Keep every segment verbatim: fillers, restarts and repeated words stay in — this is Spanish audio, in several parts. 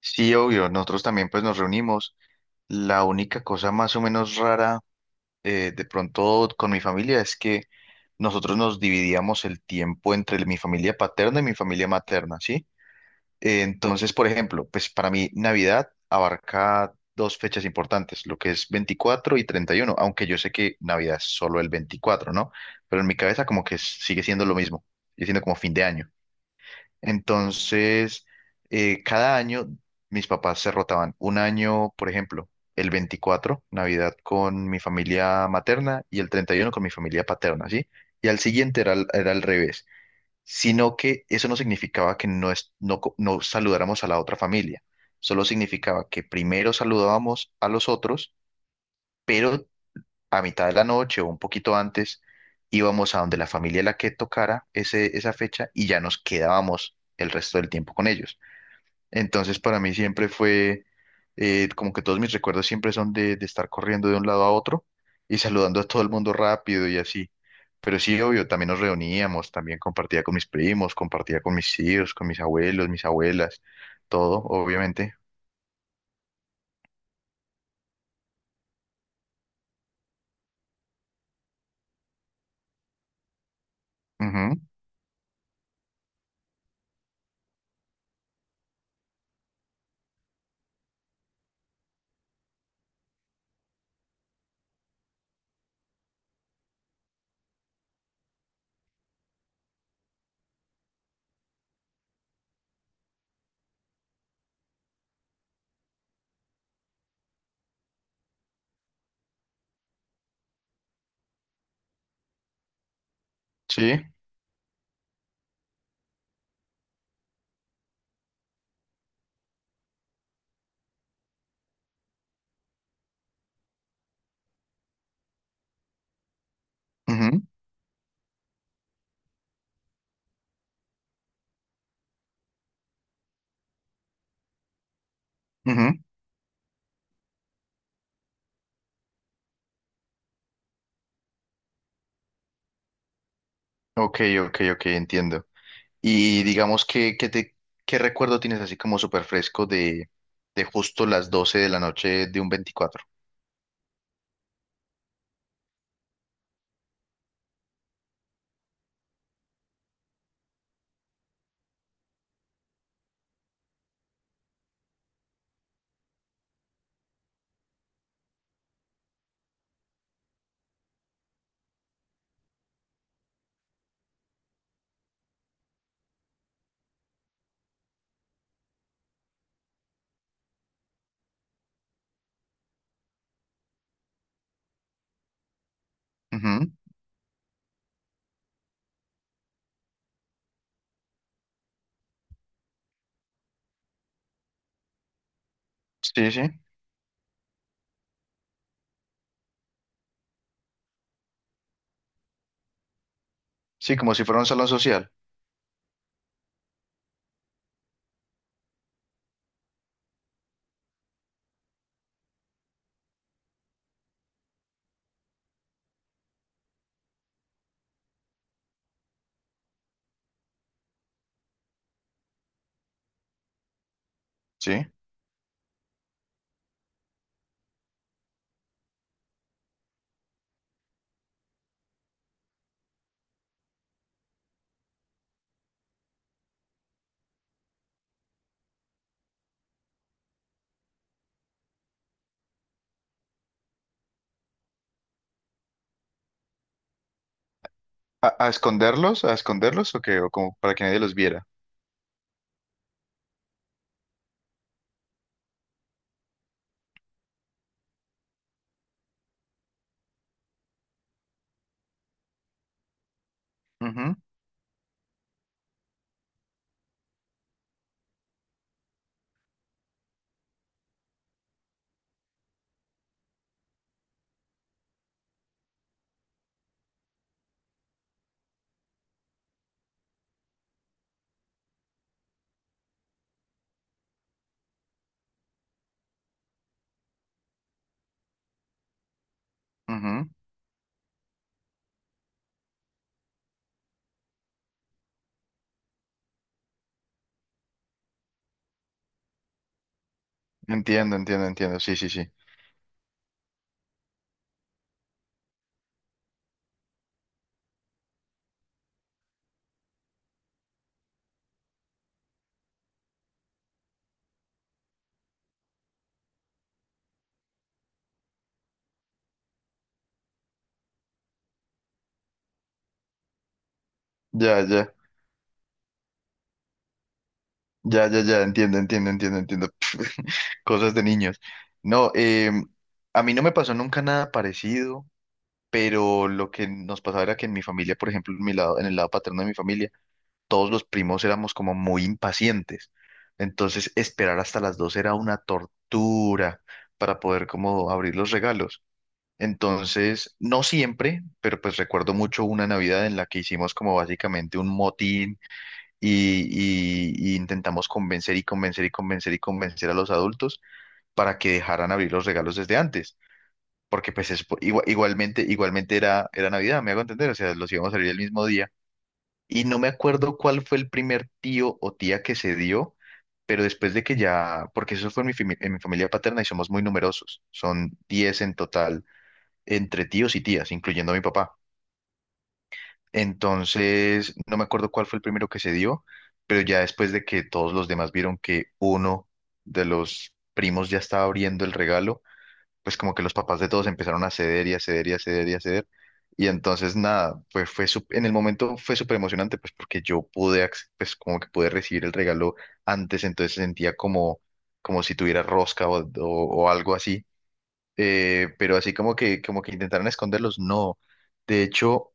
Sí, obvio, nosotros también pues nos reunimos. La única cosa más o menos rara eh, de pronto con mi familia es que nosotros nos dividíamos el tiempo entre mi familia paterna y mi familia materna, ¿sí? Eh, entonces, por ejemplo, pues para mí Navidad abarca dos fechas importantes, lo que es veinticuatro y treinta y uno, aunque yo sé que Navidad es solo el veinticuatro, ¿no? Pero en mi cabeza como que sigue siendo lo mismo, sigue siendo como fin de año. Entonces, eh, cada año mis papás se rotaban. Un año, por ejemplo, el veinticuatro, Navidad con mi familia materna y el treinta y uno con mi familia paterna, ¿sí? Y al siguiente era, al- era al revés, sino que eso no significaba que no, es- no, co- no saludáramos a la otra familia, solo significaba que primero saludábamos a los otros, pero a mitad de la noche o un poquito antes, íbamos a donde la familia la que tocara ese, esa fecha y ya nos quedábamos el resto del tiempo con ellos. Entonces para mí siempre fue eh, como que todos mis recuerdos siempre son de, de estar corriendo de un lado a otro y saludando a todo el mundo rápido y así. Pero sí, obvio, también nos reuníamos, también compartía con mis primos, compartía con mis tíos, con mis abuelos, mis abuelas, todo, obviamente. Ujú. Sí. Ujú, ujú. Ok, ok, ok, entiendo. Y digamos que, que te, ¿qué recuerdo tienes así como súper fresco de, de justo las doce de la noche de un veinticuatro? Ujú. Sí, sí. Sí, como si fuera un salón social. Sí. ¿A, a esconderlos? ¿A esconderlos? ¿O qué? ¿O como para que nadie los viera? Ujú, ujú. Entiendo, entiendo, entiendo. Sí, sí, sí. Ya, ya. Ya, ya, ya. Entiendo, entiendo, entiendo, entiendo. Cosas de niños. No, eh, a mí no me pasó nunca nada parecido, pero lo que nos pasaba era que en mi familia, por ejemplo, en mi lado, en el lado paterno de mi familia, todos los primos éramos como muy impacientes. Entonces, esperar hasta las dos era una tortura para poder como abrir los regalos. Entonces, no siempre, pero pues recuerdo mucho una Navidad en la que hicimos como básicamente un motín y, y- y intentamos convencer y convencer y convencer y convencer a los adultos para que dejaran abrir los regalos desde antes. Porque pues es, igual- igualmente, igualmente era, era Navidad, me hago entender, o sea, los íbamos a abrir el mismo día y no me acuerdo cuál fue el primer tío o tía que se dio, pero después de que ya, porque eso fue en mi, fami- en mi familia paterna y somos muy numerosos, son diez en total, entre tíos y tías, incluyendo a mi papá. Entonces, no me acuerdo cuál fue el primero que se dio, pero ya después de que todos los demás vieron que uno de los primos ya estaba abriendo el regalo, pues como que los papás de todos empezaron a ceder y a ceder y a ceder y a ceder. Y entonces nada, pues fue sup- en el momento fue súper emocionante, pues porque yo pude, ac- pues como que pude recibir el regalo antes, entonces sentía como, como si tuviera rosca o, o- o algo así. Eh, pero así como que, como que intentaron esconderlos, no. De hecho,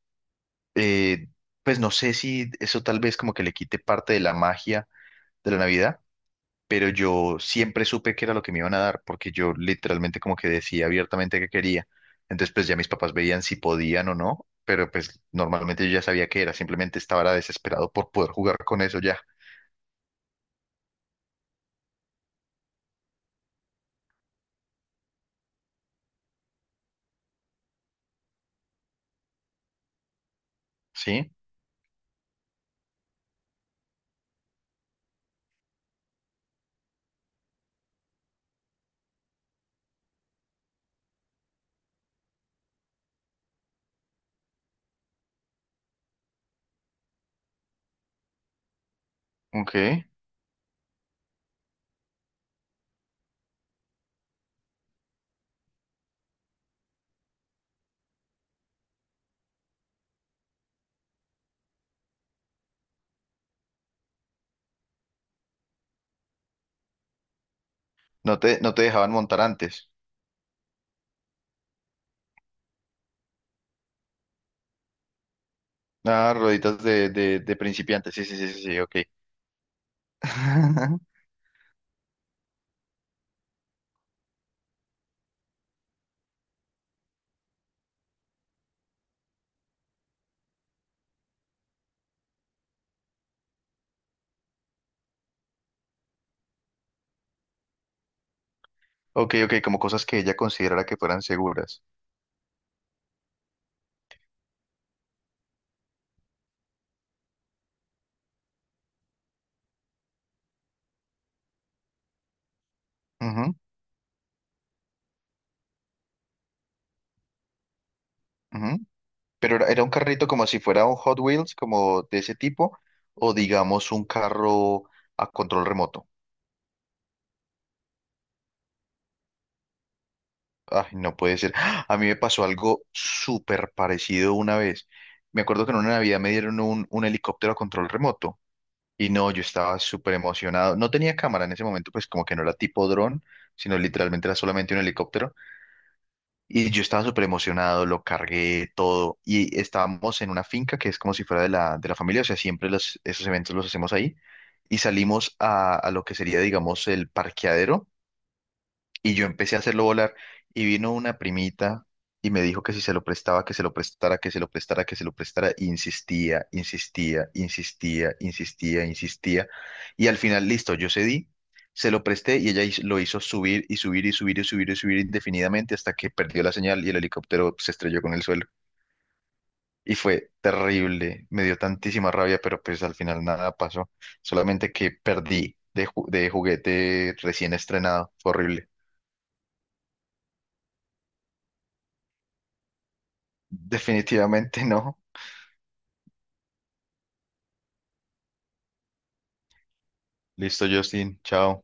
eh, pues no sé si eso tal vez como que le quite parte de la magia de la Navidad, pero yo siempre supe que era lo que me iban a dar, porque yo literalmente como que decía abiertamente que quería. Entonces, pues ya mis papás veían si podían o no, pero pues normalmente yo ya sabía que era, simplemente estaba era desesperado por poder jugar con eso ya. ¿Sí? Ok. No te, no te dejaban montar antes. Ah, rueditas de, de, de principiantes. Sí, sí, sí, sí, sí, ok. Ok, ok, como cosas que ella considerara que fueran seguras. Ujú, ujú. Pero era era un carrito como si fuera un Hot Wheels, como de ese tipo, o digamos un carro a control remoto. Ay, no puede ser. ¡Ah! A mí me pasó algo súper parecido una vez. Me acuerdo que en una Navidad me dieron un, un helicóptero a control remoto. Y no, yo estaba súper emocionado. No tenía cámara en ese momento, pues como que no era tipo dron, sino literalmente era solamente un helicóptero. Y yo estaba súper emocionado, lo cargué todo. Y estábamos en una finca que es como si fuera de la, de la familia, o sea, siempre los, esos eventos los hacemos ahí. Y salimos a, a lo que sería, digamos, el parqueadero y yo empecé a hacerlo volar y vino una primita y me dijo que si se lo prestaba, que se lo prestara, que se lo prestara, que se lo prestara. Y insistía, insistía, insistía, insistía, insistía. Y al final, listo, yo cedí, se lo presté y ella hizo- lo hizo subir y subir y subir y subir y subir indefinidamente hasta que perdió la señal y el helicóptero se estrelló con el suelo. Y fue terrible, me dio tantísima rabia, pero pues al final nada pasó, solamente que perdí de, ju- de juguete recién estrenado, fue horrible. Definitivamente no. Listo, Justin. Chao.